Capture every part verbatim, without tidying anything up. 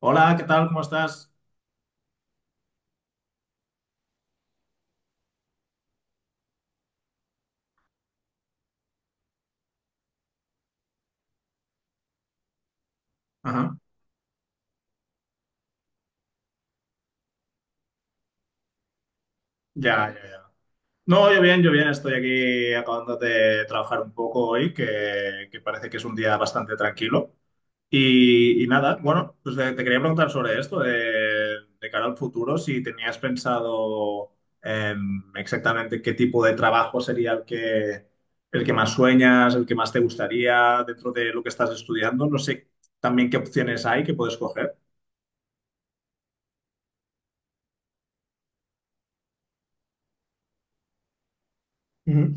Hola, ¿qué tal? ¿Cómo estás? Ajá, ya, ya, ya. No, yo bien, yo bien, estoy aquí acabando de trabajar un poco hoy, que, que parece que es un día bastante tranquilo. Y, y nada, bueno, pues te, te quería preguntar sobre esto, de, de cara al futuro, si tenías pensado em, exactamente qué tipo de trabajo sería el que, el que más sueñas, el que más te gustaría dentro de lo que estás estudiando. No sé también qué opciones hay que puedes coger. Ujú.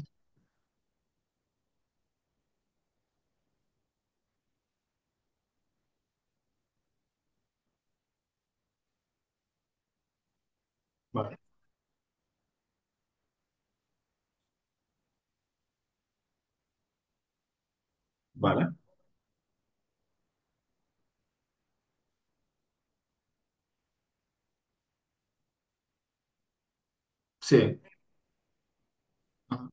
Vale, vale. Sí. Ajá.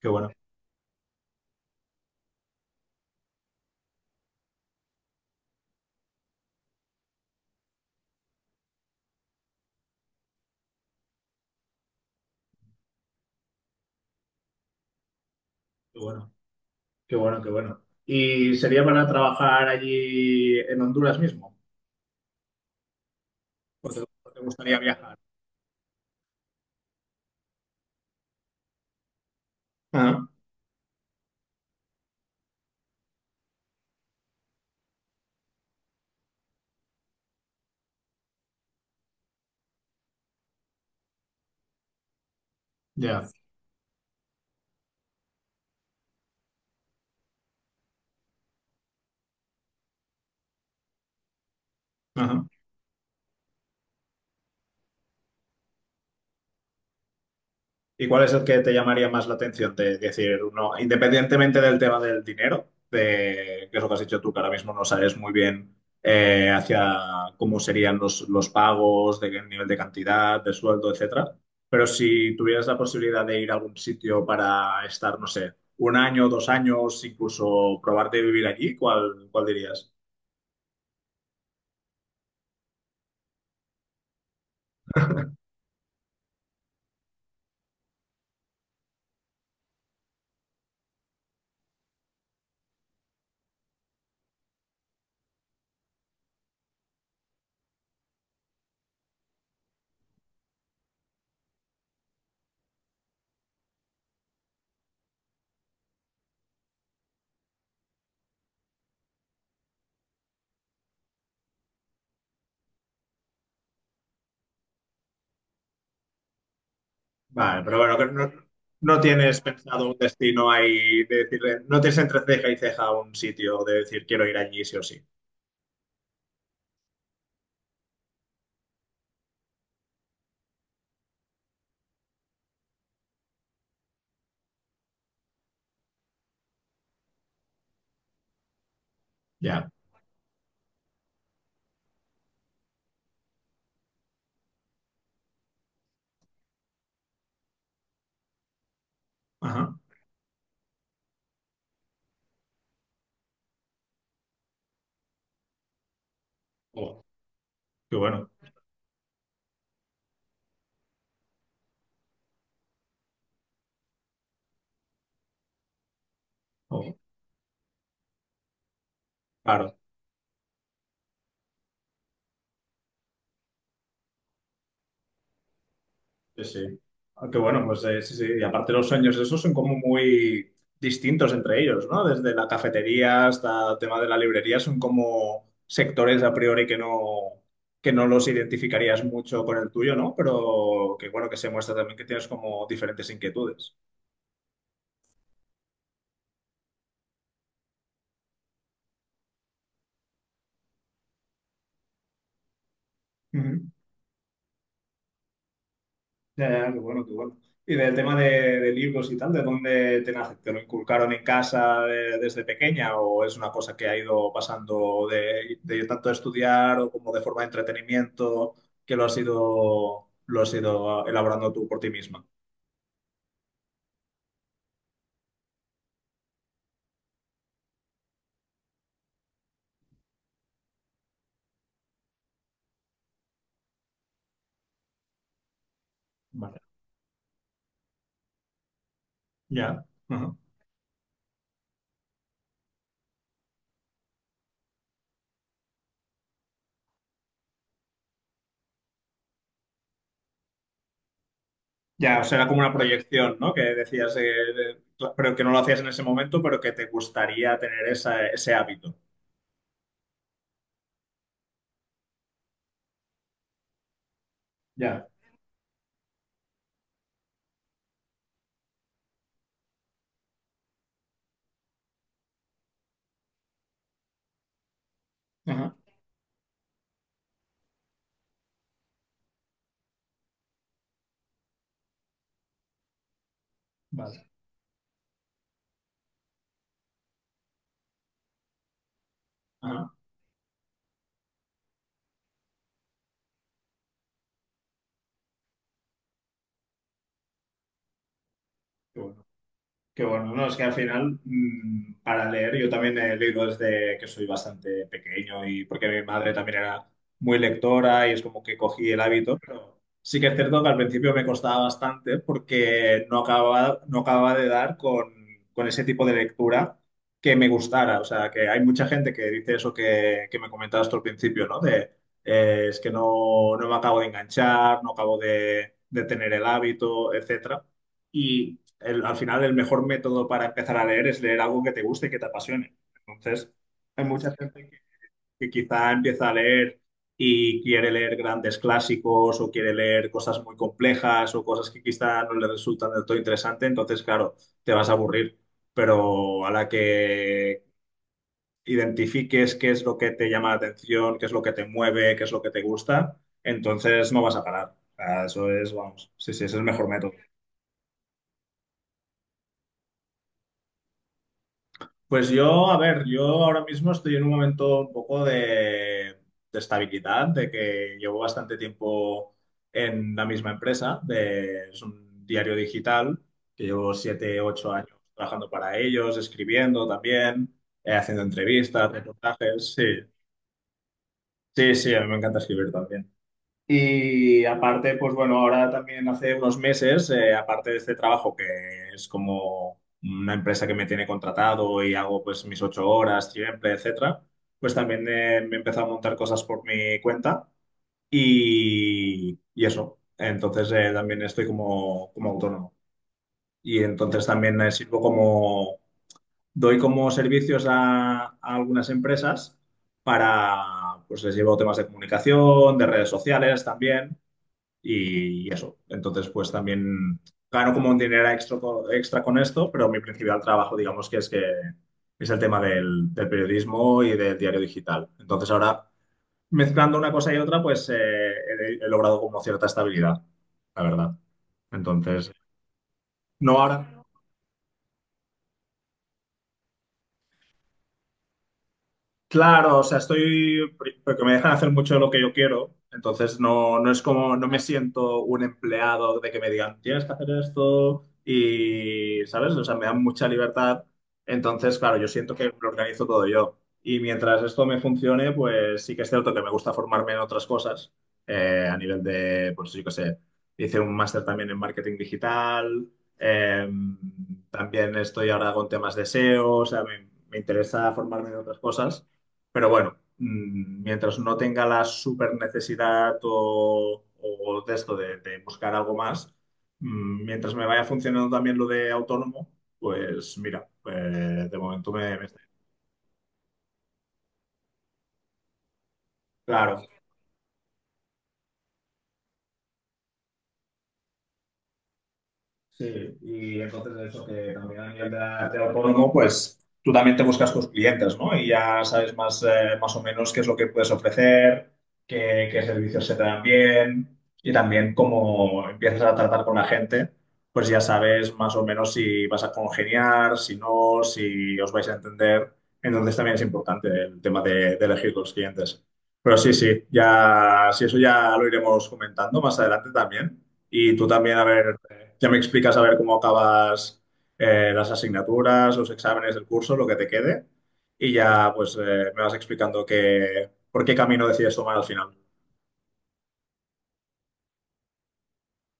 Qué bueno. Qué bueno, qué bueno, qué bueno. ¿Y sería para trabajar allí en Honduras mismo? ¿O te, o te gustaría viajar? Ah, ya. Ajá. ¿Y cuál es el que te llamaría más la atención? De decir, no, independientemente del tema del dinero, de, que es lo que has dicho tú, que ahora mismo no sabes muy bien eh, hacia cómo serían los, los pagos, de qué nivel de cantidad, de sueldo, etcétera. Pero si tuvieras la posibilidad de ir a algún sitio para estar, no sé, un año, dos años, incluso probar de vivir allí, ¿cuál, cuál dirías? Vale, pero bueno, que no, no tienes pensado un destino ahí de decirle, no tienes entre ceja y ceja un sitio de decir quiero ir allí sí o sí. Ya, ajá. Oh, qué bueno. Oh, claro, sí, sí. Ah, qué bueno, pues eh, sí, sí. Y aparte los sueños esos son como muy distintos entre ellos, ¿no? Desde la cafetería hasta el tema de la librería son como sectores a priori que no, que no los identificarías mucho con el tuyo, ¿no? Pero que bueno, que se muestra también que tienes como diferentes inquietudes. Ujú. Ya, ya, qué bueno, qué bueno. Y del tema de de libros y tal, ¿de dónde te nace? ¿Te lo inculcaron en casa de- desde pequeña o es una cosa que ha ido pasando de, de tanto estudiar o como de forma de entretenimiento que lo has ido, lo has ido elaborando tú por ti misma? Vale. Ya. Ajá. Ya, o sea, era como una proyección, ¿no? Que decías, eh, de- pero que no lo hacías en ese momento, pero que te gustaría tener esa, ese hábito. Ya. Ajá. Vale. Ajá. Qué bueno. Qué bueno, no, es que al final mm, para leer yo también he leído desde que soy bastante pequeño y porque mi madre también era muy lectora y es como que cogí el hábito, pero sí que es cierto que al principio me costaba bastante porque no acababa, no acababa de dar con, con ese tipo de lectura que me gustara. O sea, que hay mucha gente que dice eso que, que me comentabas tú al principio, ¿no? De eh, Es que no, no me acabo de enganchar, no acabo de, de tener el hábito, etcétera. Y el- al final el mejor método para empezar a leer es leer algo que te guste y que te apasione. Entonces, que quizá empieza a leer y quiere leer grandes clásicos o quiere leer cosas muy complejas o cosas que quizá no le resultan del todo interesante, entonces, claro, te vas a aburrir. Pero a la que identifiques qué es lo que te llama la atención, qué es lo que te mueve, qué es lo que te gusta, entonces no vas a parar. O sea, eso es, vamos, sí, sí, ese es el mejor método. Pues yo, a ver, yo ahora mismo estoy en un momento un poco de, de estabilidad, de que llevo bastante tiempo en la misma empresa, de- es un diario digital, que llevo siete, ocho años trabajando para ellos, escribiendo también, eh, haciendo entrevistas, reportajes, sí, sí, sí, a mí me encanta escribir también. Y aparte, pues bueno, ahora también hace unos meses, eh, aparte de este trabajo que es como una empresa que me tiene contratado y hago pues mis ocho horas siempre, etcétera, pues también eh, me he empezado a montar cosas por mi cuenta y, y eso. Entonces eh, también estoy como, como autónomo. Y entonces también eh, sirvo como, doy como servicios a, a algunas empresas para, pues les llevo temas de comunicación, de redes sociales también y, y eso. Entonces, pues también gano como un dinero extra, co- extra con esto, pero mi principal trabajo, digamos que es que es el tema del, del periodismo y del diario digital. Entonces, ahora mezclando una cosa y otra, pues eh, he, he logrado como cierta estabilidad, la verdad. Entonces, no ahora. Claro, o sea, estoy, porque me dejan hacer mucho de lo que yo quiero, entonces no, no es como, no me siento un empleado de que me digan, tienes que hacer esto y, ¿sabes? O sea, me dan mucha libertad, entonces, claro, yo siento que lo organizo todo yo. Y mientras esto me funcione, pues sí que es cierto que me gusta formarme en otras cosas, eh, a nivel de, pues yo qué sé, hice un máster también en marketing digital, eh, también estoy ahora con temas de S E O, o o sea, me me interesa formarme en otras cosas. Pero bueno, mm, mientras no tenga la super necesidad o, o de esto de, de buscar algo más, mm, mientras me vaya funcionando también lo de autónomo, pues mira, eh, de momento me, me- estoy. Claro, sí, y entonces eso que también a nivel de, de autónomo, pues tú también te buscas tus clientes, ¿no? Y ya sabes más, eh, más o menos qué es lo que puedes ofrecer, qué, qué servicios se te dan bien y también cómo empiezas a tratar con la gente, pues ya sabes más o menos si vas a congeniar, si no, si os vais a entender. Entonces también es importante el tema de, de elegir los clientes. Pero sí, sí, ya, si eso ya lo iremos comentando más adelante también. Y tú también, a ver ya me explicas a ver cómo acabas eh, las asignaturas, los exámenes del curso, lo que te quede. Y ya pues eh, me vas explicando qué, por qué camino decides tomar al final.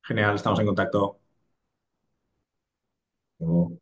Genial, estamos en contacto. Luego.